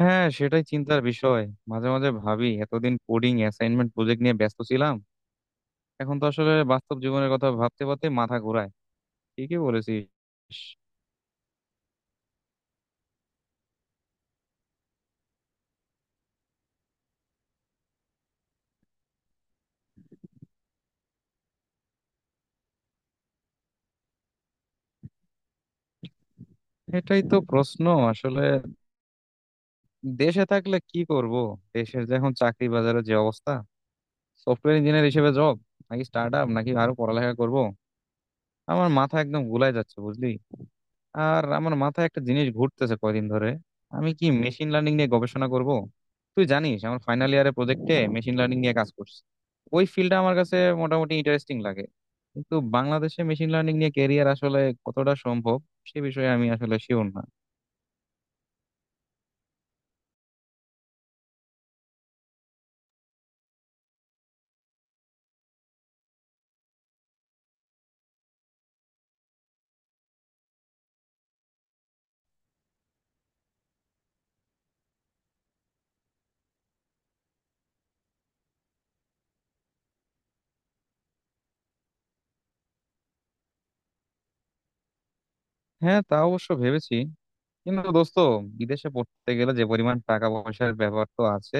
হ্যাঁ সেটাই চিন্তার বিষয়। মাঝে মাঝে ভাবি এতদিন কোডিং অ্যাসাইনমেন্ট প্রজেক্ট নিয়ে ব্যস্ত ছিলাম। এখন তো আসলে বাস্তব জীবনের কথা ভাবতে ভাবতে মাথা ঘোরায়। ঠিকই বলেছিস। এটাই তো প্রশ্ন। আসলে দেশে থাকলে কি করব? দেশের যে এখন চাকরি বাজারের যে অবস্থা, সফটওয়্যার ইঞ্জিনিয়ার হিসেবে জব নাকি স্টার্ট আপ নাকি আরো পড়ালেখা করব, আমার মাথা একদম গুলাই যাচ্ছে বুঝলি। আর আমার মাথায় একটা জিনিস ঘুরতেছে কয়দিন ধরে। আমি কি মেশিন লার্নিং নিয়ে গবেষণা করব? তুই জানিস আমার ফাইনাল ইয়ারের প্রজেক্টে মেশিন লার্নিং নিয়ে কাজ করছি। ওই ফিল্ডটা আমার কাছে মোটামুটি ইন্টারেস্টিং লাগে। কিন্তু বাংলাদেশে মেশিন লার্নিং নিয়ে ক্যারিয়ার আসলে কতটা সম্ভব, সে বিষয়ে আমি আসলে শিওর না। হ্যাঁ, তা অবশ্য ভেবেছি। কিন্তু দোস্ত, বিদেশে পড়তে গেলে যে পরিমাণ টাকা পয়সার ব্যাপার তো আছে,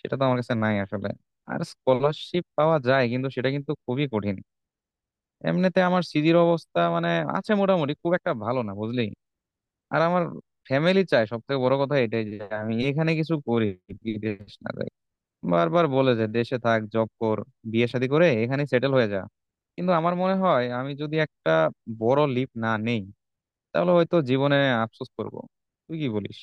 সেটা তো আমার কাছে নাই আসলে। আর স্কলারশিপ পাওয়া যায় কিন্তু সেটা কিন্তু খুবই কঠিন। এমনিতে আমার সিজির অবস্থা আছে মোটামুটি, খুব একটা ভালো না বুঝলি। আর আমার ফ্যামিলি চায়, সব থেকে বড় কথা এটাই যে আমি এখানে কিছু করি, বিদেশ না যাই। বারবার বলে যে দেশে থাক, জব কর, বিয়ে শাদী করে এখানে সেটেল হয়ে যা। কিন্তু আমার মনে হয় আমি যদি একটা বড় লিপ না নেই তাহলে হয়তো জীবনে আফসোস করব। তুই কি বলিস?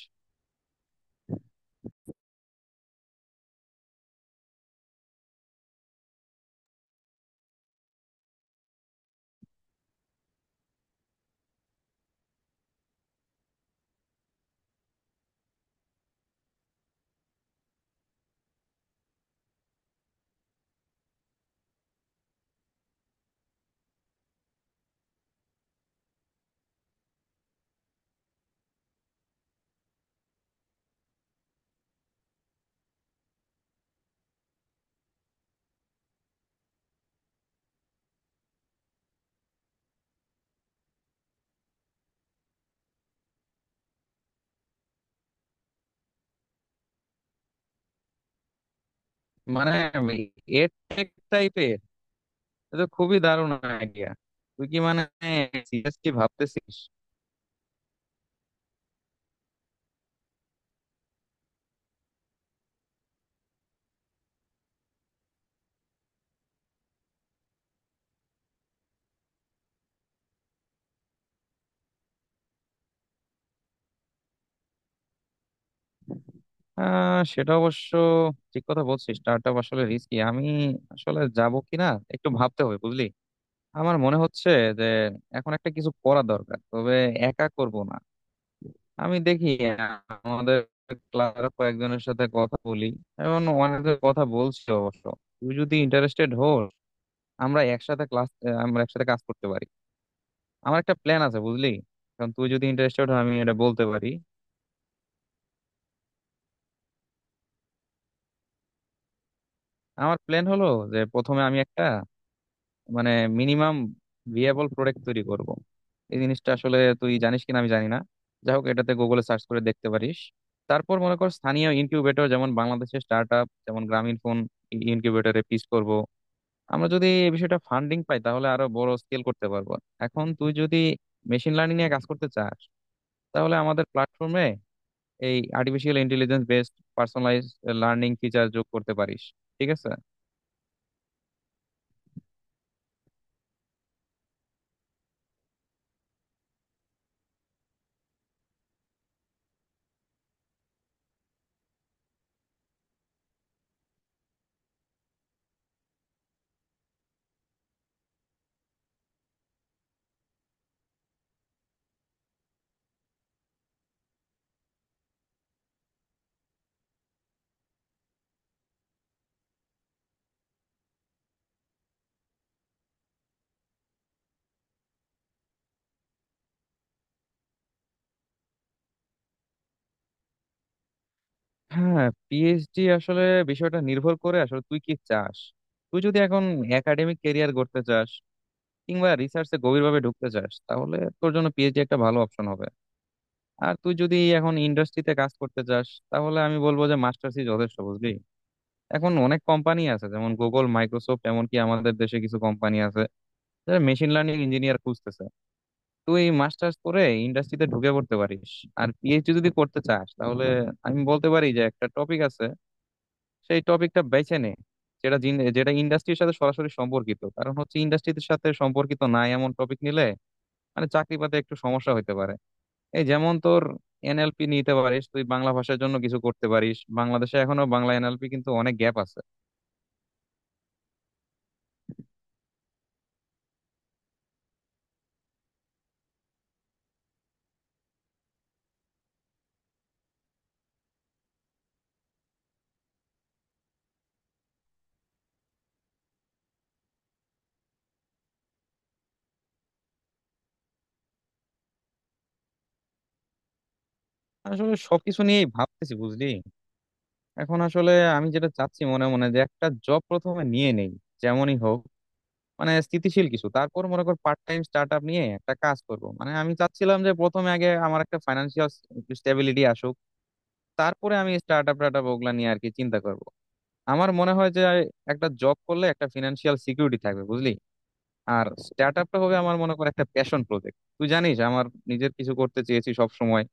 মানে এর টাইপের এটা তো খুবই দারুণ আইডিয়া। তুই কি সিরিয়াসলি ভাবতেছিস? সেটা অবশ্য ঠিক কথা বলছিস, স্টার্টআপ আসলে রিস্কি। আমি আসলে যাব কিনা একটু ভাবতে হবে বুঝলি। আমার মনে হচ্ছে যে এখন একটা কিছু করা দরকার, তবে একা করব না। আমি দেখি আমাদের ক্লাসের কয়েকজনের সাথে কথা বলি। এখন অনেকের কথা বলছি অবশ্য। তুই যদি ইন্টারেস্টেড হোস, আমরা একসাথে ক্লাস আমরা একসাথে কাজ করতে পারি। আমার একটা প্ল্যান আছে বুঝলি। কারণ তুই যদি ইন্টারেস্টেড হয় আমি এটা বলতে পারি। আমার প্ল্যান হলো যে প্রথমে আমি একটা মানে মিনিমাম ভিএবল প্রোডাক্ট তৈরি করব। এই জিনিসটা আসলে তুই জানিস কিনা আমি জানি না। যাই হোক, এটাতে গুগলে সার্চ করে দেখতে পারিস। তারপর মনে কর স্থানীয় ইনকিউবেটর, যেমন বাংলাদেশের স্টার্ট আপ, যেমন গ্রামীণ ফোন ইনকিউবেটরে পিচ করব। আমরা যদি এই বিষয়টা ফান্ডিং পাই তাহলে আরো বড় স্কেল করতে পারবো। এখন তুই যদি মেশিন লার্নিং নিয়ে কাজ করতে চাস তাহলে আমাদের প্ল্যাটফর্মে এই artificial intelligence based personalise learning feature যোগ করতে পারিস, ঠিক আছে? হ্যাঁ, পিএইচডি আসলে বিষয়টা নির্ভর করে আসলে তুই কি চাস। তুই যদি এখন একাডেমিক ক্যারিয়ার করতে চাস কিংবা রিসার্চে গভীরভাবে ঢুকতে চাস তাহলে তোর জন্য পিএইচডি একটা ভালো অপশন হবে। আর তুই যদি এখন ইন্ডাস্ট্রিতে কাজ করতে চাস তাহলে আমি বলবো যে মাস্টার্সই যথেষ্ট বুঝলি। এখন অনেক কোম্পানি আছে, যেমন গুগল, মাইক্রোসফট, এমনকি আমাদের দেশে কিছু কোম্পানি আছে যারা মেশিন লার্নিং ইঞ্জিনিয়ার খুঁজতেছে। তুই মাস্টার্স করে ইন্ডাস্ট্রিতে ঢুকে পড়তে পারিস। আর পিএইচডি যদি করতে চাস তাহলে আমি বলতে পারি যে একটা টপিক আছে, সেই টপিকটা বেছে নে, যেটা ইন্ডাস্ট্রির সাথে সরাসরি সম্পর্কিত। কারণ হচ্ছে ইন্ডাস্ট্রির সাথে সম্পর্কিত না এমন টপিক নিলে চাকরি পাতে একটু সমস্যা হইতে পারে। এই যেমন তোর এনএলপি নিতে পারিস, তুই বাংলা ভাষার জন্য কিছু করতে পারিস, বাংলাদেশে এখনো বাংলা এনএলপি কিন্তু অনেক গ্যাপ আছে। আসলে সবকিছু নিয়েই ভাবতেছি বুঝলি। এখন আসলে আমি যেটা চাচ্ছি মনে মনে যে একটা জব প্রথমে নিয়ে নেই, যেমনই হোক, স্থিতিশীল কিছু। তারপর মনে কর পার্ট টাইম স্টার্ট আপ নিয়ে একটা কাজ করব, আমি চাচ্ছিলাম যে প্রথমে আগে আমার একটা ফাইন্যান্সিয়াল স্টেবিলিটি আসুক। তারপরে আমি স্টার্ট আপ টার্ট ওগুলা নিয়ে আর কি চিন্তা করব। আমার মনে হয় যে একটা জব করলে একটা ফিনান্সিয়াল সিকিউরিটি থাকবে বুঝলি। আর স্টার্ট আপটা হবে আমার মনে কর একটা প্যাশন প্রজেক্ট। তুই জানিস আমার নিজের কিছু করতে চেয়েছি সব সময়।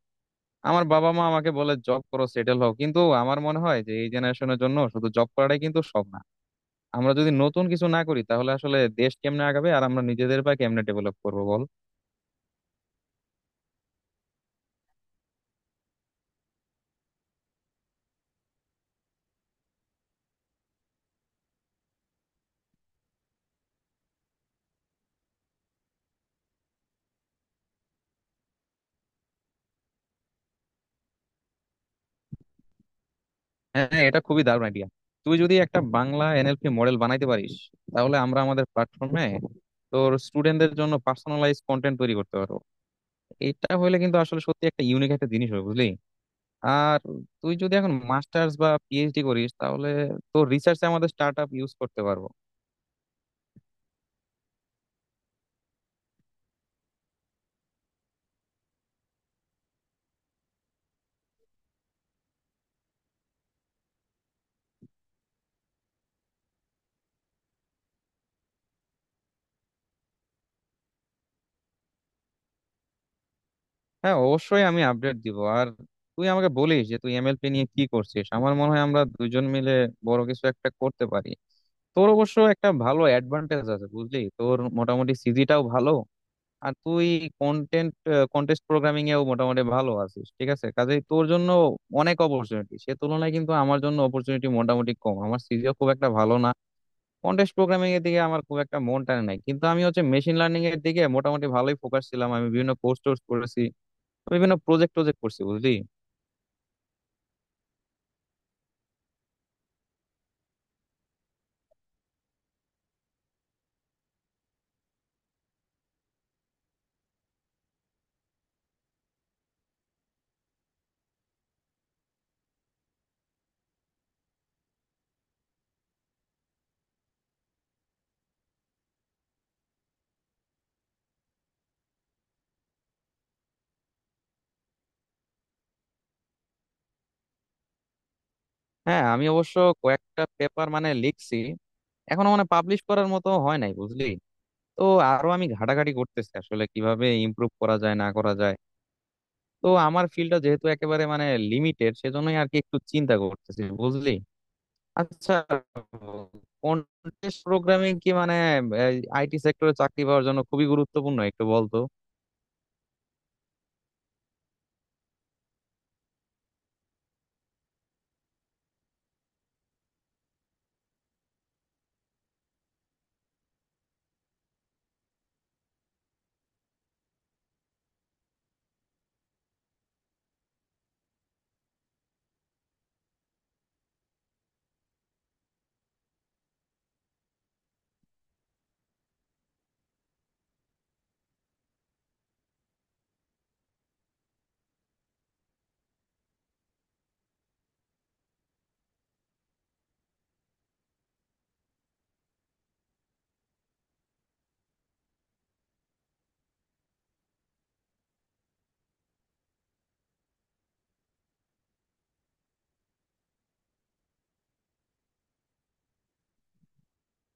আমার বাবা মা আমাকে বলে জব করো, সেটেল হও, কিন্তু আমার মনে হয় যে এই জেনারেশনের জন্য শুধু জব করাটাই কিন্তু সব না। আমরা যদি নতুন কিছু না করি তাহলে আসলে দেশ কেমনে আগাবে, আর আমরা নিজেদের বা কেমনে ডেভেলপ করবো বল। হ্যাঁ, হ্যাঁ, এটা খুবই দারুণ আইডিয়া। তুই যদি একটা বাংলা এনএলপি মডেল বানাইতে পারিস তাহলে আমরা আমাদের প্ল্যাটফর্মে তোর স্টুডেন্টদের জন্য পার্সোনালাইজ কন্টেন্ট তৈরি করতে পারবো। এটা হলে কিন্তু আসলে সত্যি একটা ইউনিক একটা জিনিস হবে বুঝলি। আর তুই যদি এখন মাস্টার্স বা পিএইচডি করিস তাহলে তোর রিসার্চে আমাদের স্টার্ট আপ ইউজ করতে পারবো। হ্যাঁ, অবশ্যই আমি আপডেট দিব। আর তুই আমাকে বলিস যে তুই এমএলপি নিয়ে কি করছিস। আমার মনে হয় আমরা দুজন মিলে বড় কিছু একটা করতে পারি। তোর অবশ্য একটা ভালো অ্যাডভান্টেজ আছে বুঝলি, তোর মোটামুটি সিজিটাও ভালো। আর তুই কন্টেন্ট কন্টেস্ট প্রোগ্রামিং এও মোটামুটি ভালো আছিস, ঠিক আছে। কাজেই তোর জন্য অনেক অপরচুনিটি। সে তুলনায় কিন্তু আমার জন্য অপরচুনিটি মোটামুটি কম, আমার সিজিও খুব একটা ভালো না। কন্টেস্ট প্রোগ্রামিং এর দিকে আমার খুব একটা মন টানে নাই, কিন্তু আমি হচ্ছে মেশিন লার্নিং এর দিকে মোটামুটি ভালোই ফোকাস ছিলাম। আমি বিভিন্ন কোর্স টোর্স করেছি, বিভিন্ন প্রজেক্ট টজেক্ট করছি বুঝলি। হ্যাঁ, আমি অবশ্য কয়েকটা পেপার লিখছি, এখনো পাবলিশ করার মতো হয় নাই বুঝলি। তো আরো আমি ঘাটাঘাটি করতেছি আসলে কিভাবে ইমপ্রুভ করা যায় না করা যায়। তো আমার ফিল্ডটা যেহেতু একেবারে লিমিটেড, সেজন্যই আর কি একটু চিন্তা করতেছি বুঝলি। আচ্ছা, কন্টেস্ট প্রোগ্রামিং কি আইটি সেক্টরে চাকরি পাওয়ার জন্য খুবই গুরুত্বপূর্ণ, একটু বলতো।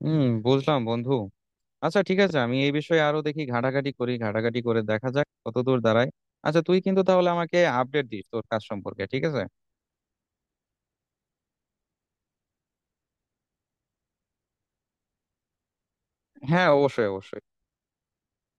হুম, বুঝলাম বন্ধু। আচ্ছা ঠিক আছে, আমি এই বিষয়ে আরো দেখি, ঘাটাঘাটি করি, ঘাটাঘাটি করে দেখা যাক কতদূর দাঁড়ায়। আচ্ছা তুই কিন্তু তাহলে আমাকে আপডেট দিস তোর কাজ সম্পর্কে, ঠিক আছে? হ্যাঁ, অবশ্যই অবশ্যই।